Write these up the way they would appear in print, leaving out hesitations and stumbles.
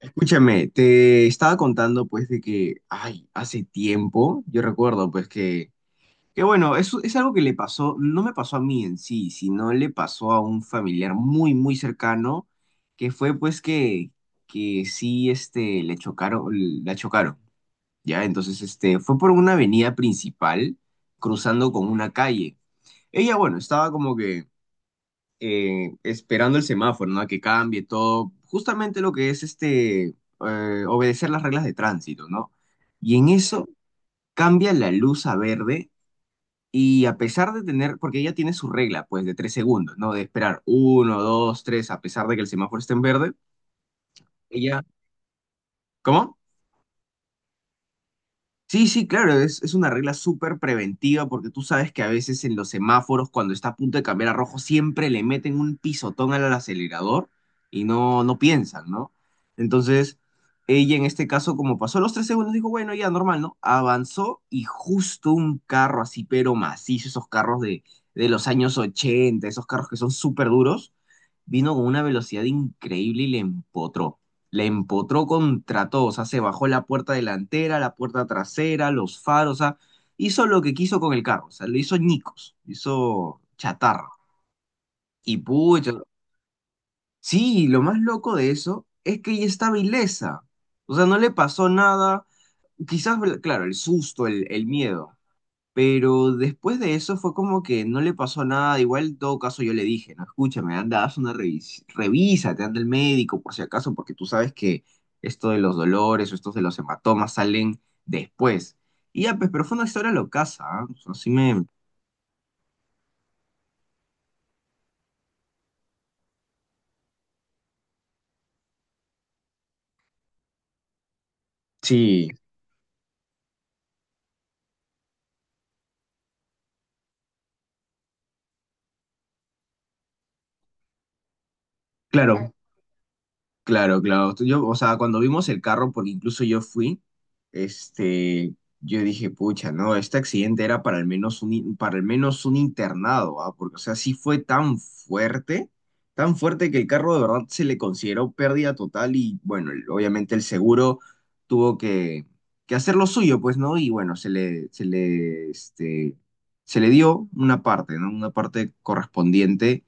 Escúchame, te estaba contando pues de que, ay, hace tiempo, yo recuerdo pues que bueno, es algo que le pasó, no me pasó a mí en sí, sino le pasó a un familiar muy, muy cercano, que fue pues que sí, le chocaron, la chocaron, ¿ya? Entonces, fue por una avenida principal, cruzando con una calle. Ella, bueno, estaba como que esperando el semáforo, ¿no? A que cambie todo, justamente lo que es obedecer las reglas de tránsito, ¿no? Y en eso cambia la luz a verde y a pesar de tener, porque ella tiene su regla, pues, de 3 segundos, ¿no? De esperar uno, dos, tres, a pesar de que el semáforo esté en verde, ella, ¿cómo? Sí, sí, claro, es una regla súper preventiva porque tú sabes que a veces en los semáforos cuando está a punto de cambiar a rojo siempre le meten un pisotón al acelerador y no, no piensan, ¿no? Entonces, ella en este caso como pasó los 3 segundos dijo, bueno, ya normal, ¿no? Avanzó y justo un carro así pero macizo, esos carros de los años 80, esos carros que son súper duros, vino con una velocidad increíble y le empotró. Le empotró contra todo, o sea, se bajó la puerta delantera, la puerta trasera, los faros, o sea, hizo lo que quiso con el carro, o sea, lo hizo ñicos, lo hizo chatarra. Y pucha, sí, lo más loco de eso es que ella estaba ilesa, o sea, no le pasó nada, quizás, claro, el susto, el miedo, pero después de eso fue como que no le pasó nada. Igual, en todo caso, yo le dije, no, escúchame, anda, haz una revisión, revísate, anda el médico por si acaso, porque tú sabes que esto de los dolores o estos de los hematomas salen después. Y ya, pues, pero fue una historia locaza, ¿ah? O sea, sí me. Sí, claro, claro, claro. Yo, o sea, cuando vimos el carro, porque incluso yo fui, yo dije, pucha, no, este accidente era para al menos un internado, ¿ah? Porque, o sea, sí fue tan fuerte que el carro de verdad se le consideró pérdida total y, bueno, obviamente el seguro tuvo que hacer lo suyo, pues, ¿no? Y bueno, se le dio una parte, ¿no? Una parte correspondiente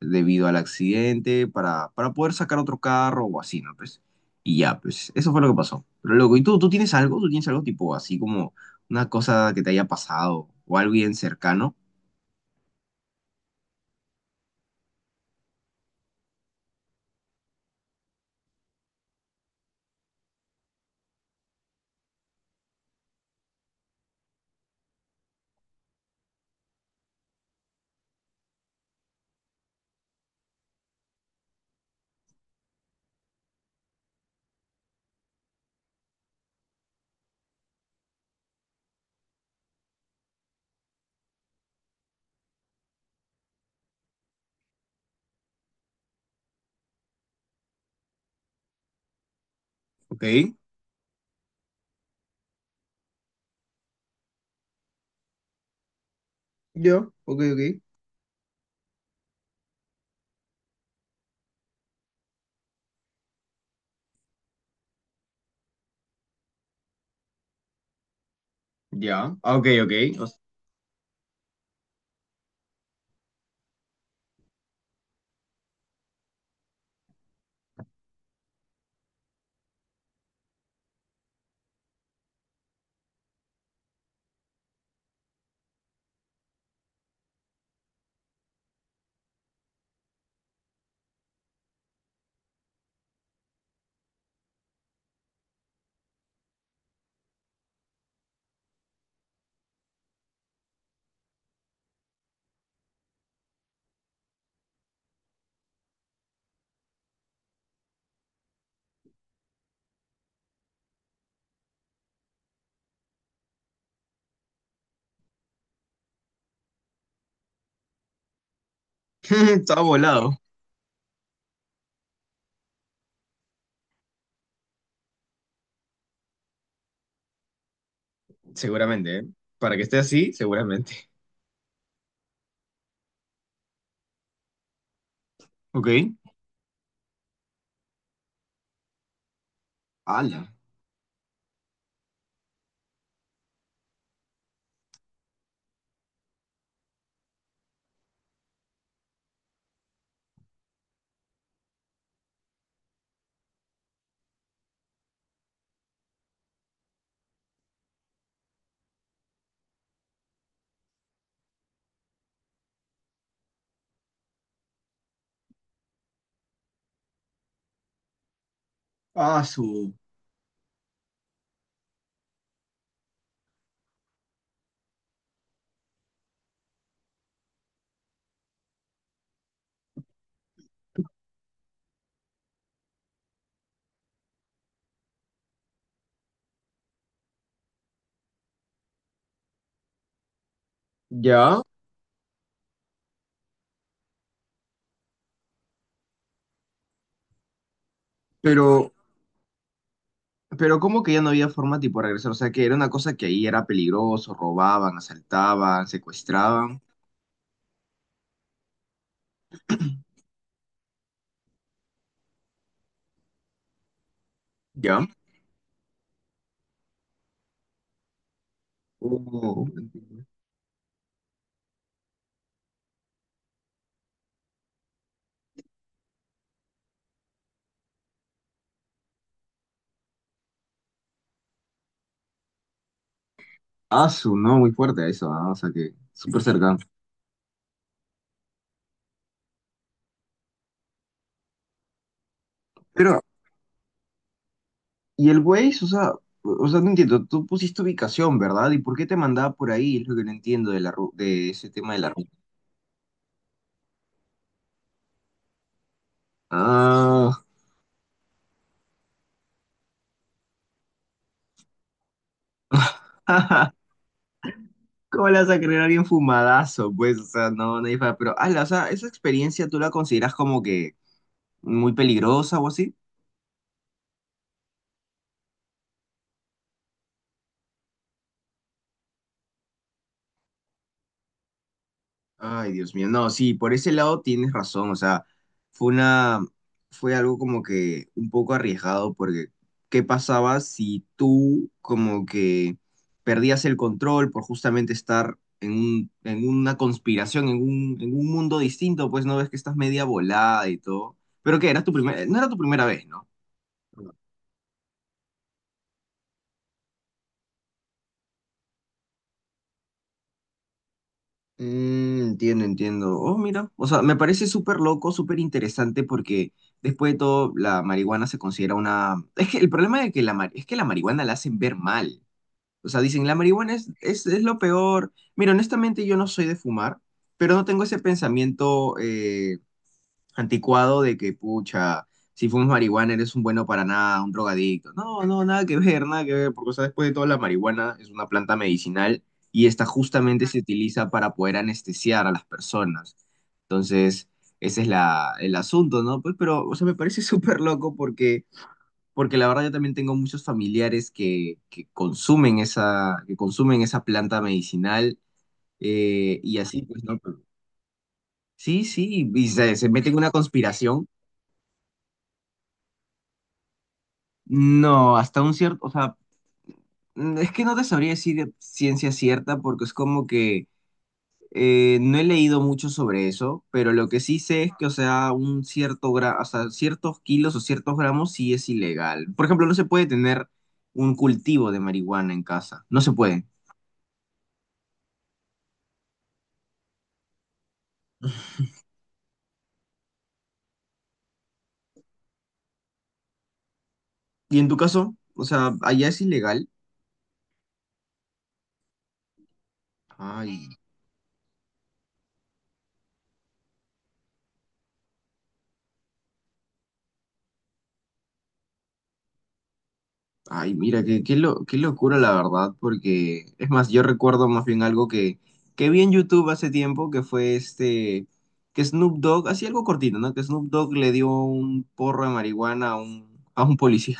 debido al accidente para poder sacar otro carro o así, ¿no? Pues, y ya, pues eso fue lo que pasó. Pero loco, ¿y tú tienes algo? ¿Tú tienes algo tipo así como una cosa que te haya pasado o algo bien cercano? Ok, ok, ok. Ya, ah, ok, ok. o s- Estaba volado. Seguramente, ¿eh? Para que esté así, seguramente. Ok. Ala. Ah, su. Ya, pero Pero ¿cómo que ya no había forma tipo de regresar? O sea, que era una cosa que ahí era peligroso, robaban, asaltaban, secuestraban, ¿ya? Oh, ah, no, muy fuerte eso, ah, o sea, que súper cercano. Pero, ¿y el güey? O sea, no entiendo, tú pusiste ubicación, ¿verdad? ¿Y por qué te mandaba por ahí? Es lo que no entiendo de ese tema de la ruta. Ah, jaja, ¿cómo le vas a creer a alguien fumadazo? Pues, o sea, no, pero, ala, o sea, ¿esa experiencia tú la consideras como que muy peligrosa o así? Ay, Dios mío. No, sí, por ese lado tienes razón. O sea, fue una, fue algo como que un poco arriesgado, porque ¿qué pasaba si tú como que perdías el control por justamente estar en un, en una conspiración, en un mundo distinto? Pues no ves que estás media volada y todo. Pero que era tu primera, no era tu primera vez, ¿no? Mm, entiendo, entiendo. Oh, mira, o sea, me parece súper loco, súper interesante porque después de todo la marihuana se considera una. Es que el problema de que la mar- es que la marihuana la hacen ver mal. O sea, dicen, la marihuana es lo peor. Mira, honestamente yo no soy de fumar, pero no tengo ese pensamiento anticuado de que, pucha, si fumas marihuana eres un bueno para nada, un drogadicto. No, no, nada que ver, nada que ver, porque o sea, después de todo la marihuana es una planta medicinal y esta justamente se utiliza para poder anestesiar a las personas. Entonces, ese es el asunto, ¿no? Pues, pero, o sea, me parece súper loco porque, porque la verdad yo también tengo muchos familiares que consumen esa planta medicinal, y así, pues, ¿no? Sí, sí, y se meten en una conspiración. No, hasta un cierto, o sea, mm, es que no te sabría decir de ciencia cierta porque es como que no he leído mucho sobre eso, pero lo que sí sé es que, o sea, ciertos kilos o ciertos gramos sí es ilegal. Por ejemplo, no se puede tener un cultivo de marihuana en casa, no se puede. ¿Y en tu caso? O sea, allá es ilegal. Ay. Ay, mira, qué locura la verdad, porque es más, yo recuerdo más bien algo que vi en YouTube hace tiempo, que Snoop Dogg, así algo cortito, ¿no? Que Snoop Dogg le dio un porro de marihuana a un policía.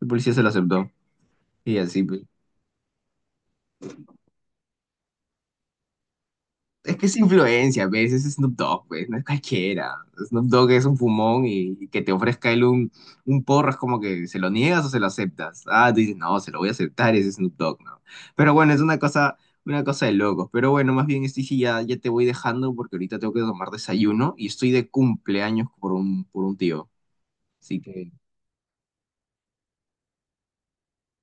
El policía se lo aceptó. Y así, pues. Es que es influencia, ¿ves? Es Snoop Dogg, pues, no es cualquiera. Snoop Dogg es un fumón y que te ofrezca él un porro es como que se lo niegas o se lo aceptas. Ah, tú dices, no, se lo voy a aceptar, ese Snoop Dogg, ¿no? Pero bueno, es una cosa de locos. Pero bueno, más bien, Stevie, ya, ya te voy dejando porque ahorita tengo que tomar desayuno y estoy de cumpleaños por un tío. Así que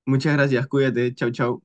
muchas gracias, cuídate, chau, chau.